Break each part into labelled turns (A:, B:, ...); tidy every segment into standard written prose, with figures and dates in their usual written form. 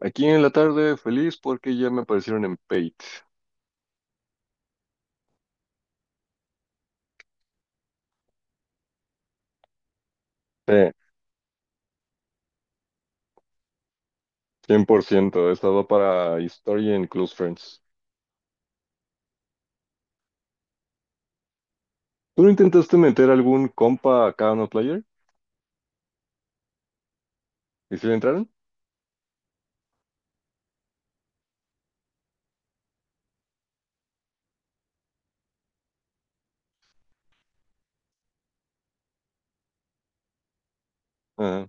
A: Aquí en la tarde feliz porque ya me aparecieron en Paid. Sí, 100% va para historia en Close Friends. ¿Tú no intentaste meter algún compa a cada uno player? ¿Y si le entraron? Ajá.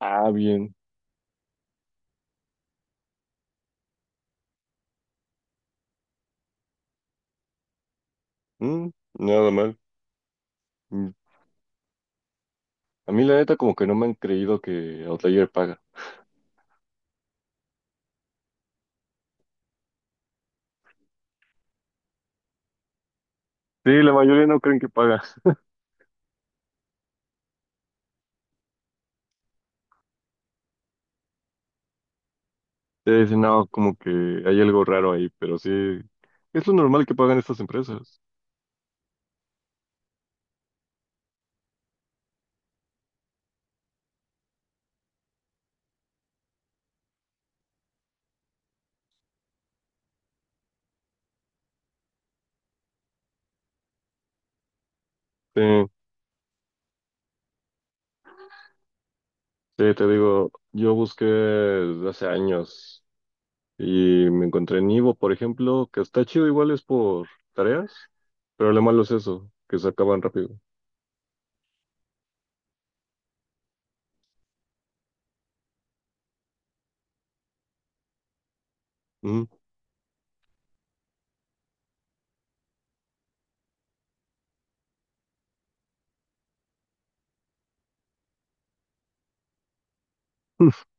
A: Ah, bien. Mm, nada mal. Mm. A mí la neta como que no me han creído que Outlier paga. Sí, la mayoría no creen que paga. Sí, dicen, no, como que hay algo raro ahí, pero sí, es lo normal que pagan estas empresas. Sí, sí, te digo, yo busqué desde hace años. Y me encontré en Ivo, por ejemplo, que está chido, igual es por tareas, pero lo malo es eso, que se acaban rápido. Ujú.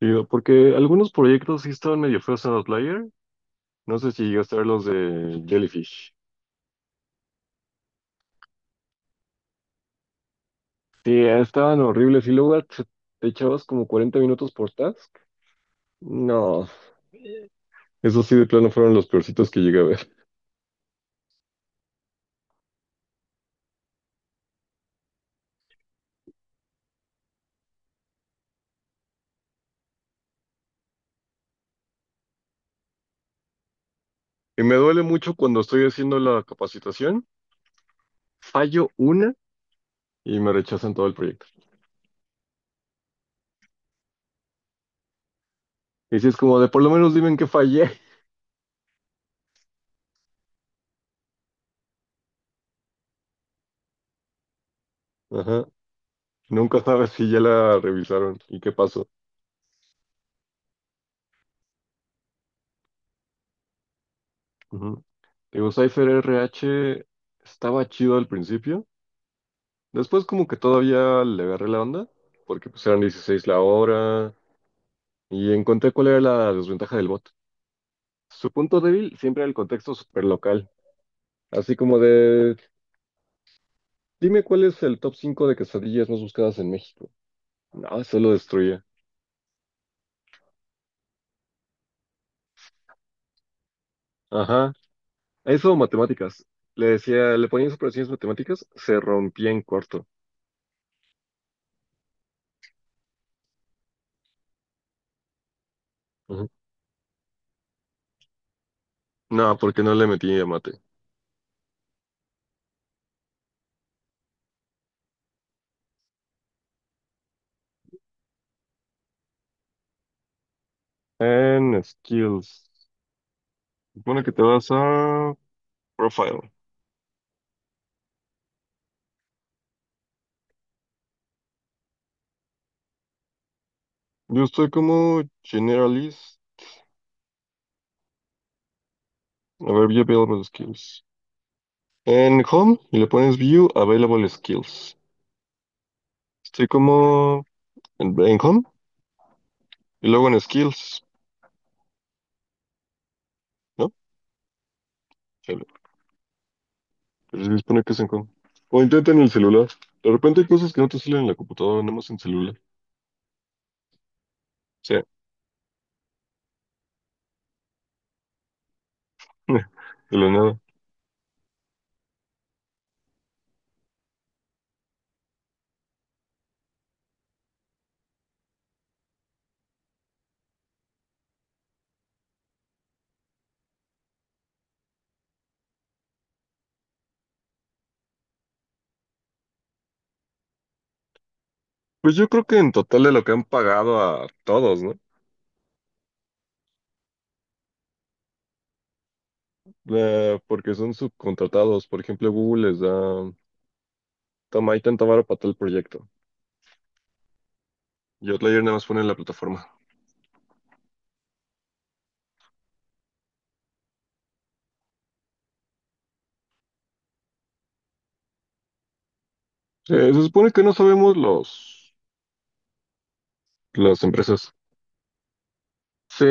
A: Digo, porque algunos proyectos sí estaban medio feos en Outlier. No sé si llegaste a ver los de Jellyfish. Sí, estaban horribles. Y luego te echabas como 40 minutos por task. No, esos sí de plano fueron los peorcitos que llegué a ver. Y me duele mucho cuando estoy haciendo la capacitación, fallo una y me rechazan todo el proyecto. Y si es como de por lo menos dime en qué fallé. Ajá. Nunca sabes si ya la revisaron y qué pasó. Ujú. Digo, Cypher RH estaba chido al principio. Después como que todavía le agarré la onda, porque pues eran 16 la hora y encontré cuál era la desventaja del bot. Su punto débil siempre era el contexto super local, así como de, dime cuál es el top 5 de quesadillas más buscadas en México. No, eso lo destruye. Ajá. Eso, matemáticas. Le decía, le ponías operaciones matemáticas, se rompía en corto. Ujú. No, porque no le metí a mate. En skills. Supone que te vas a profile. Yo estoy como generalist. A ver, view available skills. En home y le pones view available skills. Estoy como en home y luego en skills, ¿no? Chale. Pero se supone que es en home. O intenta en el celular. De repente hay cosas que no te salen en la computadora, nada más en celular. Sí. De la nada. Pues yo creo que en total de lo que han pagado a todos, ¿no? Porque son subcontratados. Por ejemplo, Google les da, toma, hay tanta vara para tal proyecto. Y Outlier nada más pone en la plataforma. Se supone que no sabemos los, las empresas. Sí,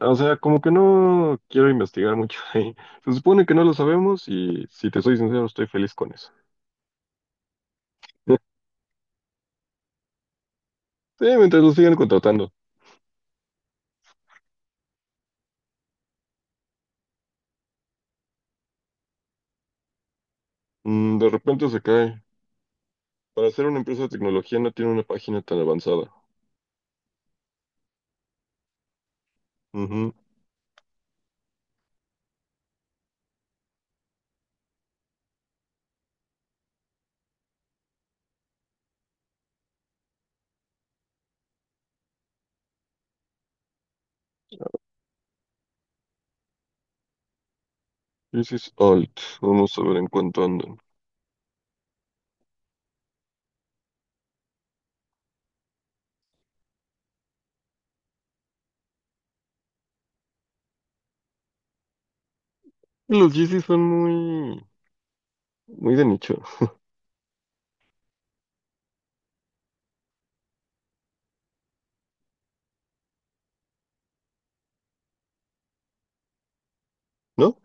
A: o sea, como que no quiero investigar mucho ahí. Se supone que no lo sabemos y si te soy sincero, estoy feliz con eso. Sí, mientras lo sigan contratando. Mm, de repente se cae. Para ser una empresa de tecnología no tiene una página tan avanzada. Yeezys Alt. Vamos a ver en cuánto andan. Los Yeezys son muy de nicho, ¿no?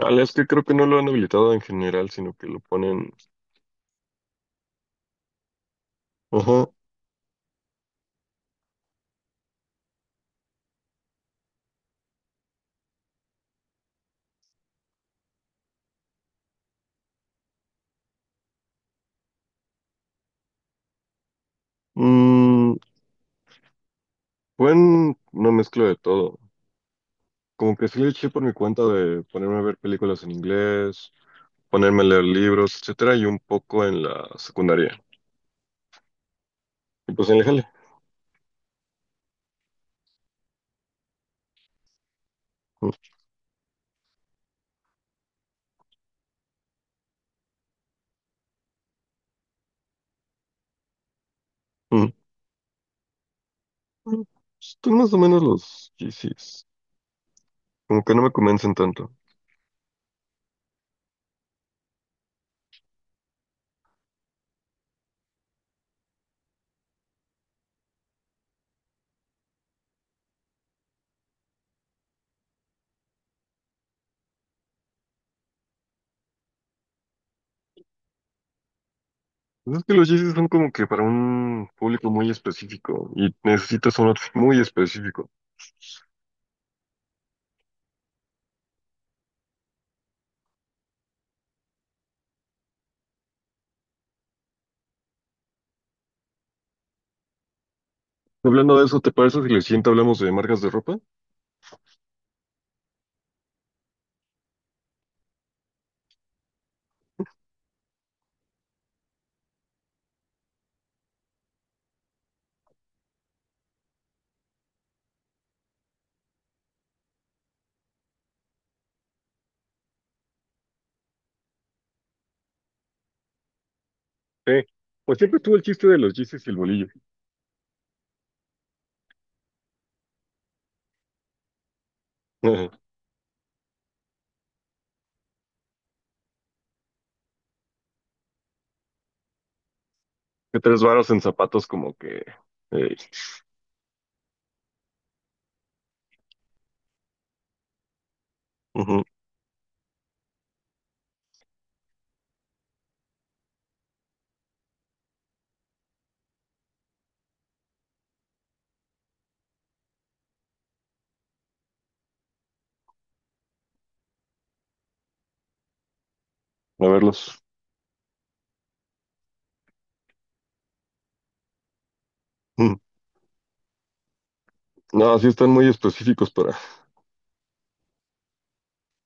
A: Chale, es que creo que no lo han habilitado en general, sino que lo ponen. Ajá. Mm, buen, una mezcla de todo. Como que sí le eché por mi cuenta de ponerme a ver películas en inglés, ponerme a leer libros, etcétera, y un poco en la secundaria. Y pues en el jale. Mm, mm. Están más o menos los Yeezys. Como que no me convencen tanto. Pues es que los chistes son como que para un público muy específico y necesitas un outfit muy específico. Hablando de eso, ¿te parece si le siento hablamos de marcas de ropa? Eh, pues siempre estuvo el chiste de los Yeezys y el bolillo. Ajá. Que 3 varas en zapatos como que... eh, ujú. A verlos. Mm. No, sí están muy específicos para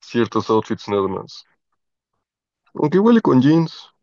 A: ciertos outfits nada más. Aunque igual y con jeans.